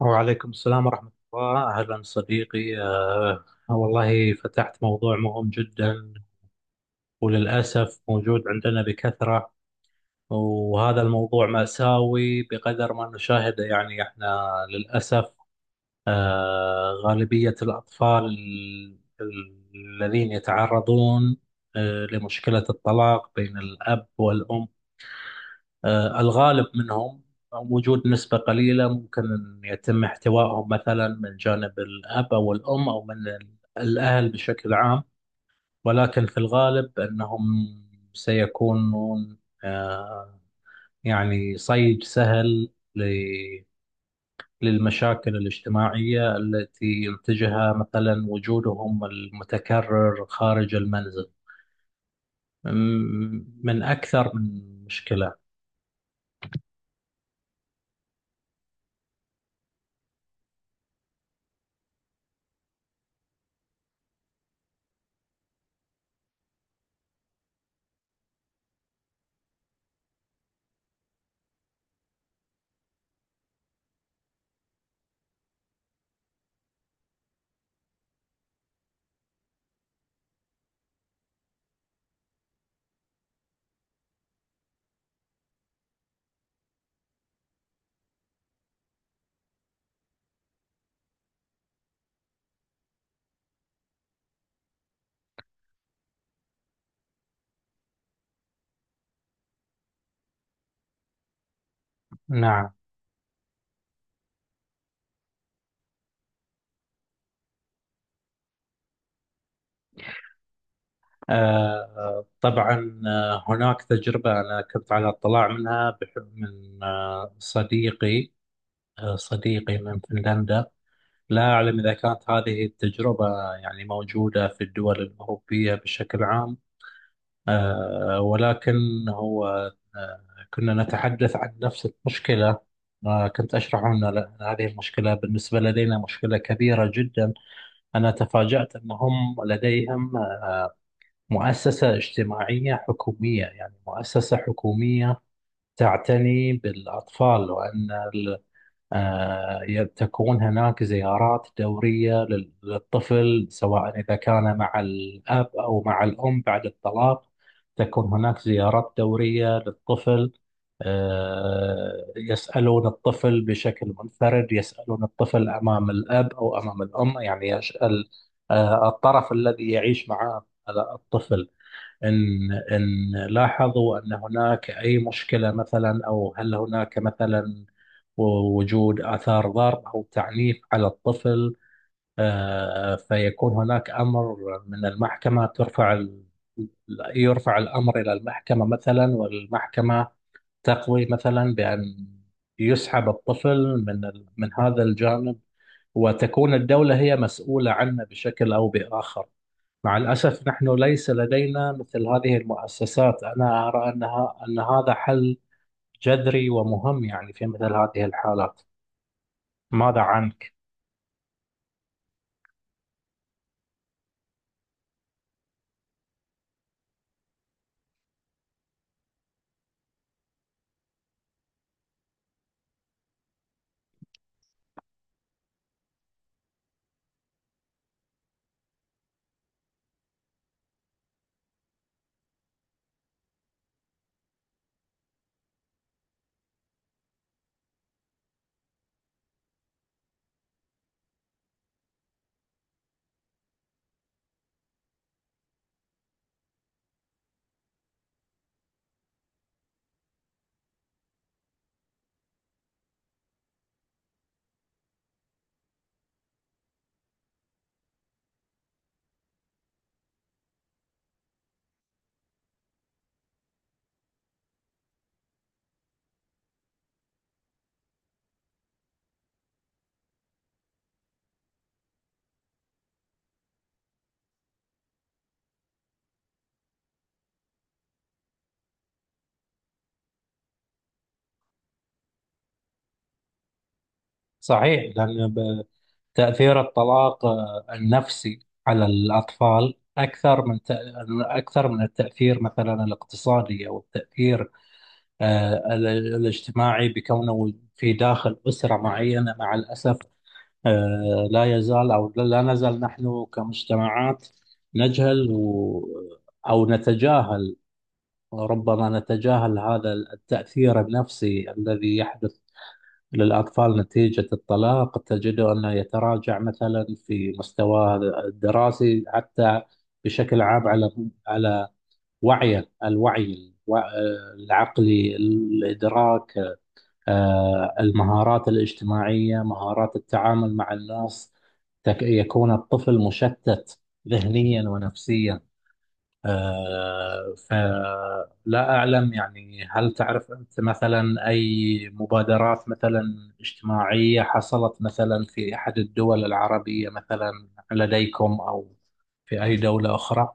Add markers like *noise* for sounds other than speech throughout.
وعليكم السلام ورحمة الله، أهلا صديقي. والله فتحت موضوع مهم جدا، وللأسف موجود عندنا بكثرة. وهذا الموضوع مأساوي بقدر ما نشاهده، يعني احنا للأسف غالبية الأطفال الذين يتعرضون لمشكلة الطلاق بين الأب والأم، الغالب منهم وجود نسبة قليلة ممكن أن يتم احتوائهم مثلا من جانب الأب أو الأم أو من الأهل بشكل عام. ولكن في الغالب أنهم سيكونون آه، يعني صيد سهل ل- للمشاكل الاجتماعية التي ينتجها مثلا وجودهم المتكرر خارج المنزل، من أكثر من مشكلة. نعم. طبعا، هناك تجربة أنا كنت على اطلاع منها من صديقي، صديقي من فنلندا. لا أعلم إذا كانت هذه التجربة يعني موجودة في الدول الأوروبية بشكل عام، ولكن هو آه، كنا نتحدث عن نفس المشكلة. كنت أشرح أن هذه المشكلة بالنسبة لدينا مشكلة كبيرة جدا. أنا تفاجأت أنهم لديهم مؤسسة اجتماعية حكومية، يعني مؤسسة حكومية تعتني بالأطفال، وأن ال- تكون هناك زيارات دورية للطفل سواء إذا كان مع الأب أو مع الأم بعد الطلاق. تكون هناك زيارات دورية للطفل. يسألون الطفل بشكل منفرد، يسألون الطفل أمام الأب أو أمام الأم، يعني يسأل الطرف الذي يعيش معه الطفل. إن لاحظوا أن هناك أي مشكلة مثلا، أو هل هناك مثلا وجود آثار ضرب أو تعنيف على الطفل، فيكون هناك أمر من المحكمة، يرفع الأمر إلى المحكمة مثلا، والمحكمة تقضي مثلا بأن يسحب الطفل من من هذا الجانب وتكون الدولة هي مسؤولة عنه بشكل أو بآخر. مع الأسف نحن ليس لدينا مثل هذه المؤسسات. أنا أرى أنها أن هذا حل جذري ومهم يعني في مثل هذه الحالات. ماذا عنك؟ صحيح، تأثير الطلاق النفسي على الأطفال أكثر من أكثر من التأثير مثلا الاقتصادي أو التأثير الاجتماعي بكونه في داخل أسرة معينة. مع الأسف لا يزال أو لا نزال نحن كمجتمعات نجهل و، أو نتجاهل، ربما نتجاهل هذا التأثير النفسي الذي يحدث للأطفال نتيجة الطلاق. تجده أنه يتراجع مثلا في مستواه الدراسي، حتى بشكل عام على على وعيه، العقلي، الإدراك، المهارات الاجتماعية، مهارات التعامل مع الناس. يكون الطفل مشتت ذهنيا ونفسيا. فلا أعلم يعني، هل تعرف أنت مثلا أي مبادرات مثلا اجتماعية حصلت مثلا في أحد الدول العربية مثلا لديكم، أو في أي دولة أخرى؟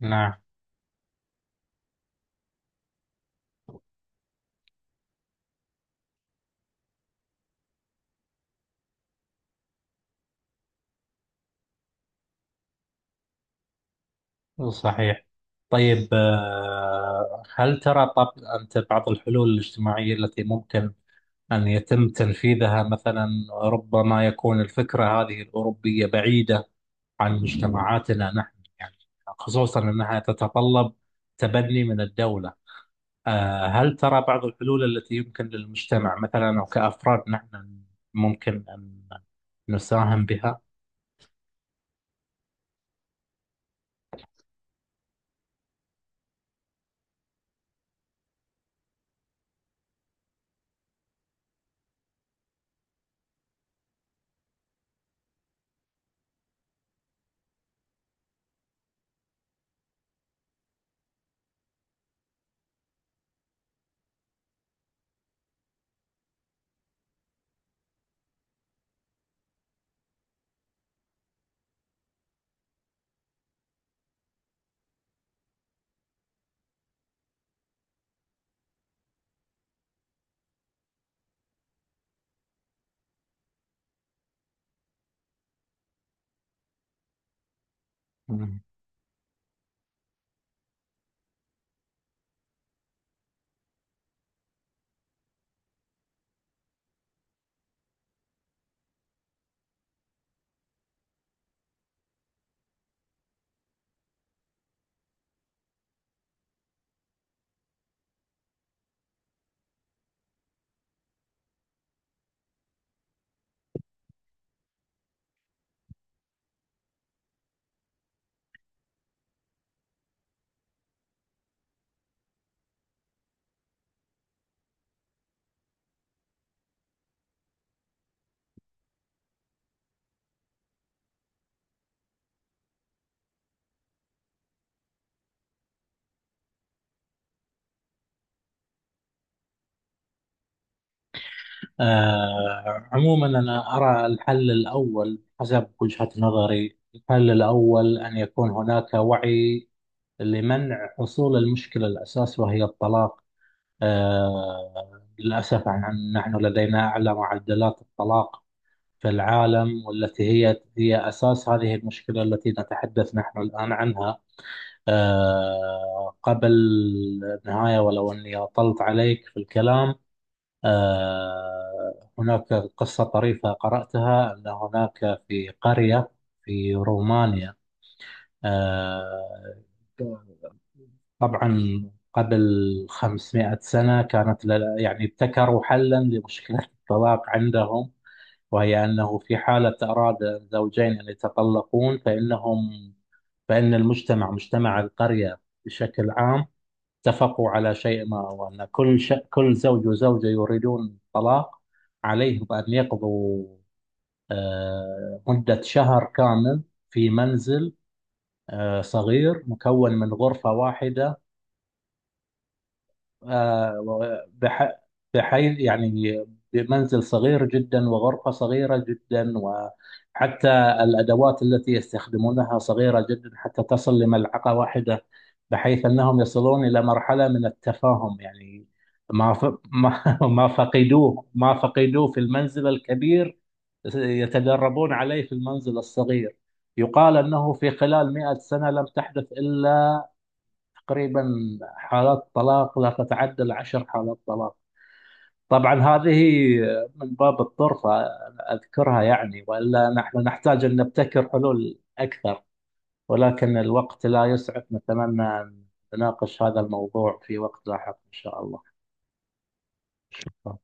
نعم. صحيح. طيب، هل ترى طب أنت بعض الحلول الاجتماعية التي ممكن أن يتم تنفيذها مثلا؟ ربما يكون الفكرة هذه الأوروبية بعيدة عن مجتمعاتنا نحن يعني، خصوصا أنها تتطلب تبني من الدولة. هل ترى بعض الحلول التي يمكن للمجتمع مثلا أو كأفراد نحن ممكن أن نساهم بها؟ مم. عموما أنا أرى الحل الأول حسب وجهة نظري، الحل الأول أن يكون هناك وعي لمنع حصول المشكلة الأساس، وهي الطلاق. للأسف نحن لدينا أعلى معدلات الطلاق في العالم، والتي هي أساس هذه المشكلة التي نتحدث نحن الآن عنها. قبل النهاية، ولو أني أطلت عليك في الكلام، هناك قصة طريفة قرأتها، أن هناك في قرية في رومانيا، آه، طبعا قبل 500 سنة كانت يعني ابتكروا حلا لمشكلة *laughs* الطلاق عندهم. وهي أنه في حالة أراد الزوجين أن يتطلقون فإنهم، فإن المجتمع، مجتمع القرية بشكل عام، اتفقوا على شيء ما، وأن كل كل زوج وزوجة يريدون الطلاق عليهم أن يقضوا مدة شهر كامل في منزل صغير مكون من غرفة واحدة، آه، بح... بحيث يعني بمنزل صغير جدا وغرفة صغيرة جدا، وحتى الأدوات التي يستخدمونها صغيرة جدا حتى تصل لملعقة واحدة، بحيث أنهم يصلون إلى مرحلة من التفاهم يعني. ما ف... ما *laughs* ما فقدوه، ما فقدوه في المنزل الكبير يتدربون عليه في المنزل الصغير. يقال أنه في خلال مئة سنة لم تحدث إلا تقريبا حالات طلاق لا تتعدى العشر حالات طلاق. طبعا هذه من باب الطرفة أذكرها يعني، وإلا نحن نحتاج أن نبتكر حلول أكثر، ولكن الوقت لا يسعف. نتمنى أن نناقش هذا الموضوع في وقت لاحق إن شاء الله.